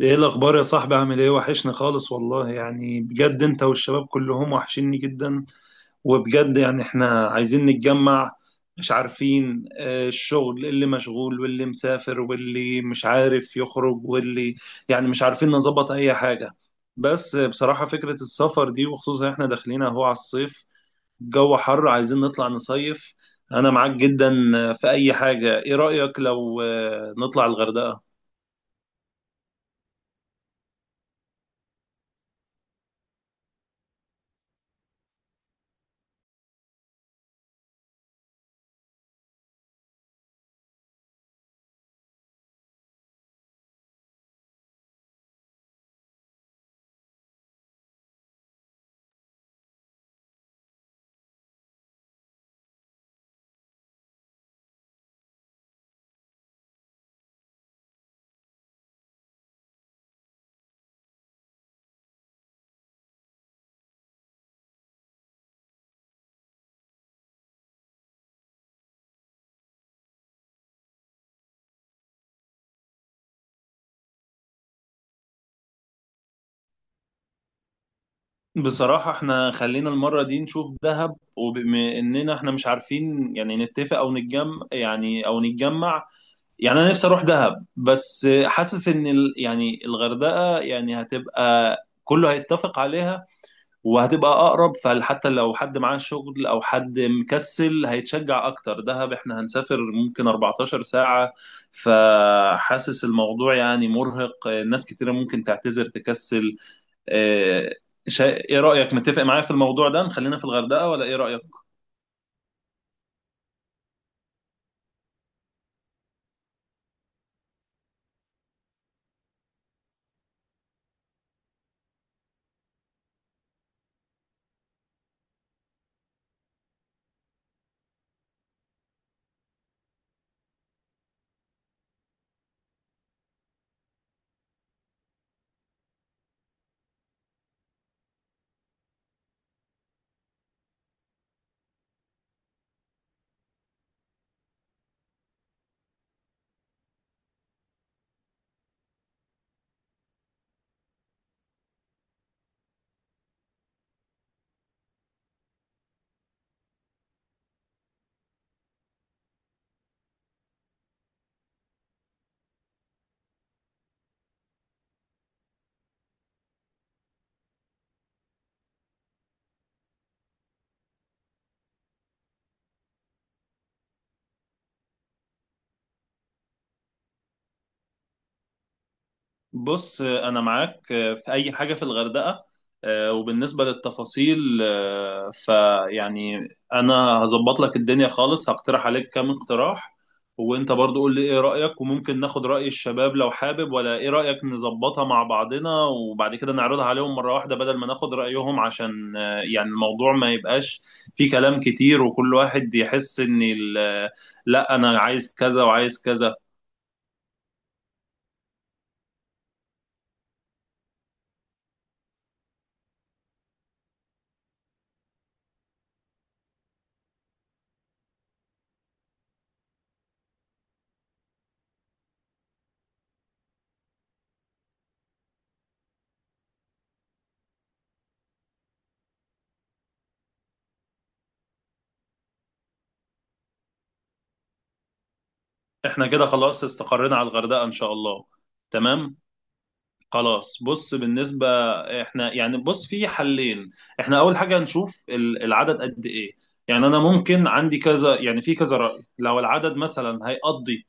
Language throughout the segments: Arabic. ايه الاخبار يا صاحبي؟ عامل ايه؟ وحشني خالص والله، يعني بجد انت والشباب كلهم وحشني جدا. وبجد يعني احنا عايزين نتجمع. مش عارفين، الشغل اللي مشغول واللي مسافر واللي مش عارف يخرج واللي يعني مش عارفين نظبط اي حاجة. بس بصراحة فكرة السفر دي، وخصوصا احنا داخلين اهو على الصيف. الجو حر، عايزين نطلع نصيف. انا معاك جدا في اي حاجة. ايه رأيك لو نطلع الغردقة؟ بصراحة احنا خلينا المرة دي نشوف دهب، وبما اننا احنا مش عارفين يعني نتفق او نتجمع. يعني انا نفسي اروح دهب، بس حاسس ان يعني الغردقة يعني هتبقى كله هيتفق عليها. وهتبقى اقرب، فحتى لو حد معاه شغل او حد مكسل هيتشجع اكتر. دهب احنا هنسافر ممكن 14 ساعة. فحاسس الموضوع يعني مرهق، ناس كتيرة ممكن تعتذر تكسل. آه، ايه رأيك، متفق معايا في الموضوع ده نخلينا في الغردقة ولا ايه رأيك؟ بص انا معاك في اي حاجه في الغردقه. وبالنسبه للتفاصيل، فيعني انا هظبط لك الدنيا خالص، هقترح عليك كام اقتراح. وانت برضو قول لي ايه رايك، وممكن ناخد راي الشباب لو حابب، ولا ايه رايك نظبطها مع بعضنا وبعد كده نعرضها عليهم مره واحده بدل ما ناخد رايهم، عشان يعني الموضوع ما يبقاش فيه كلام كتير وكل واحد يحس ان لا انا عايز كذا وعايز كذا. احنا كده خلاص استقرينا على الغردقة ان شاء الله. تمام. خلاص. بص بالنسبة، احنا يعني بص، في حلين. احنا اول حاجة نشوف العدد قد ايه. يعني انا ممكن عندي كذا، يعني في كذا رأي. لو العدد مثلا هيقضي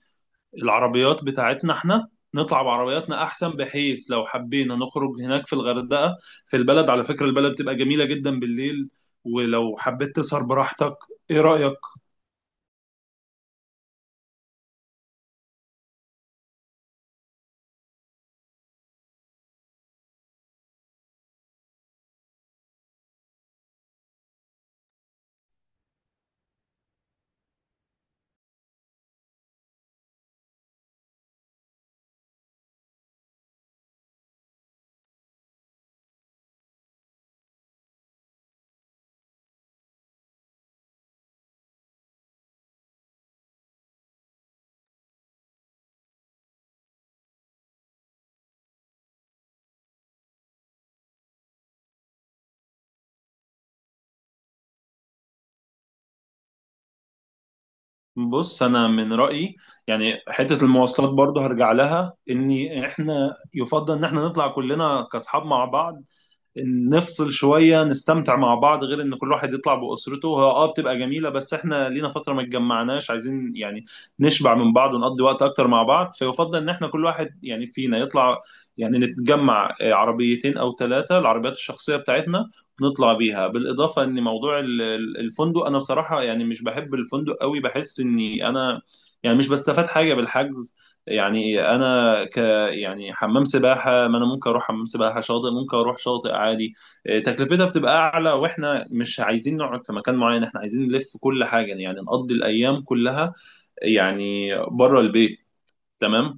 العربيات بتاعتنا احنا، نطلع بعربياتنا احسن، بحيث لو حبينا نخرج هناك في الغردقة في البلد. على فكرة البلد بتبقى جميلة جدا بالليل، ولو حبيت تسهر براحتك. ايه رأيك؟ بص انا من رايي، يعني حته المواصلات برضه هرجع لها، ان احنا يفضل ان احنا نطلع كلنا كاصحاب مع بعض. نفصل شويه نستمتع مع بعض، غير ان كل واحد يطلع باسرته هو، بتبقى جميله، بس احنا لينا فتره ما اتجمعناش، عايزين يعني نشبع من بعض، ونقضي وقت اكتر مع بعض. فيفضل ان احنا كل واحد يعني فينا يطلع، يعني نتجمع عربيتين او ثلاثه، العربيات الشخصيه بتاعتنا نطلع بيها. بالاضافه ان موضوع الفندق، انا بصراحه يعني مش بحب الفندق قوي، بحس اني انا يعني مش بستفاد حاجه بالحجز. يعني انا ك يعني حمام سباحة؟ ما أنا ممكن أروح حمام سباحة. شاطئ؟ ممكن أروح شاطئ عادي. تكلفتها بتبقى أعلى، وإحنا مش عايزين نقعد في مكان معين. إحنا عايزين نلف كل حاجة، يعني نقضي الأيام كلها يعني بره البيت. تمام.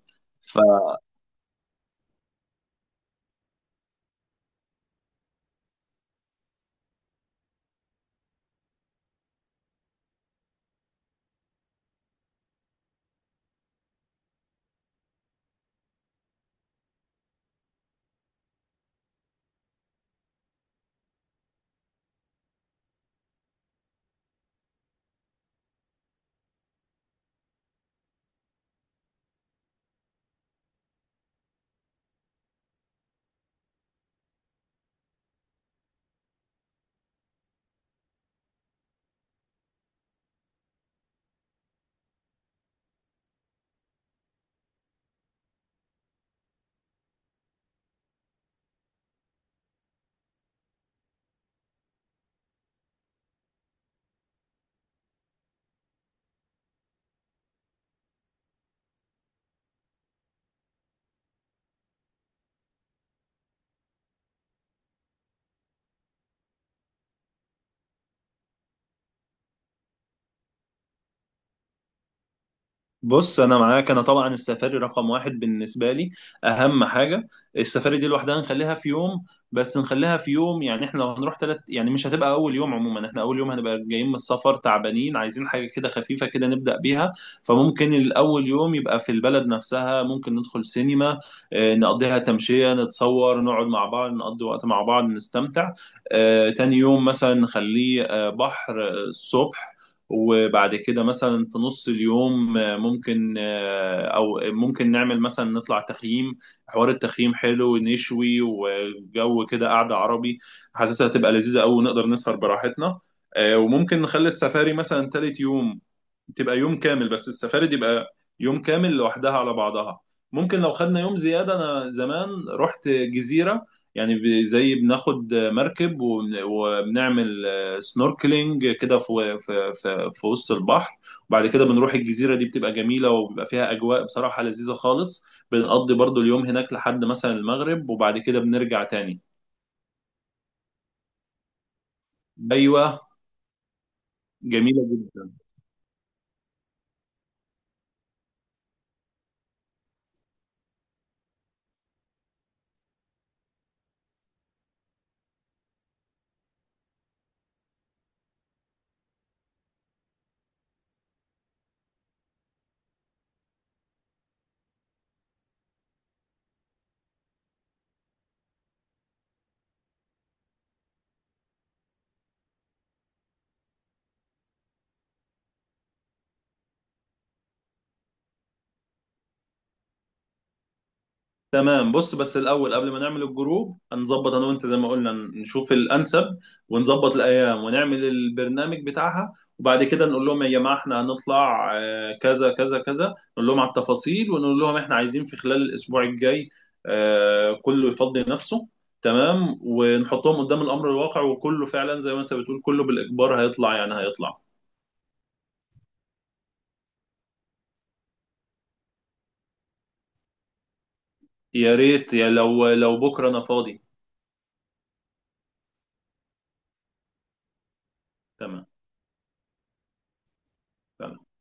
بص انا معاك. انا طبعا السفاري رقم واحد بالنسبه لي، اهم حاجه. السفاري دي لوحدها نخليها في يوم. بس نخليها في يوم، يعني احنا لو هنروح تلت، يعني مش هتبقى اول يوم. عموما احنا اول يوم هنبقى جايين من السفر تعبانين، عايزين حاجه كده خفيفه كده نبدا بيها. فممكن الاول يوم يبقى في البلد نفسها، ممكن ندخل سينما، نقضيها تمشيه، نتصور، نقعد مع بعض نقضي وقت مع بعض نستمتع. تاني يوم مثلا نخليه بحر الصبح، وبعد كده مثلا في نص اليوم ممكن او ممكن نعمل مثلا نطلع تخييم. حوار التخييم حلو، ونشوي، وجو كده قعدة عربي. حاسسها هتبقى لذيذة قوي، ونقدر نسهر براحتنا. وممكن نخلي السفاري مثلا تالت يوم، تبقى يوم كامل. بس السفاري دي يبقى يوم كامل لوحدها على بعضها. ممكن لو خدنا يوم زيادة، أنا زمان رحت جزيرة، يعني زي بناخد مركب وبنعمل سنوركلينج كده في وسط البحر. وبعد كده بنروح الجزيرة، دي بتبقى جميلة وبيبقى فيها أجواء بصراحة لذيذة خالص. بنقضي برضو اليوم هناك لحد مثلا المغرب، وبعد كده بنرجع تاني. أيوة. جميلة جدا. تمام. بص بس الاول قبل ما نعمل الجروب هنظبط انا وانت زي ما قلنا، نشوف الانسب، ونظبط الايام، ونعمل البرنامج بتاعها. وبعد كده نقول لهم يا جماعه احنا هنطلع كذا كذا كذا، نقول لهم على التفاصيل، ونقول لهم احنا عايزين في خلال الاسبوع الجاي كله يفضي نفسه. تمام. ونحطهم قدام الامر الواقع، وكله فعلا زي ما انت بتقول كله بالاجبار هيطلع، يعني هيطلع. يا ريت. يا لو لو بكره انا فاضي. تمام، تمام.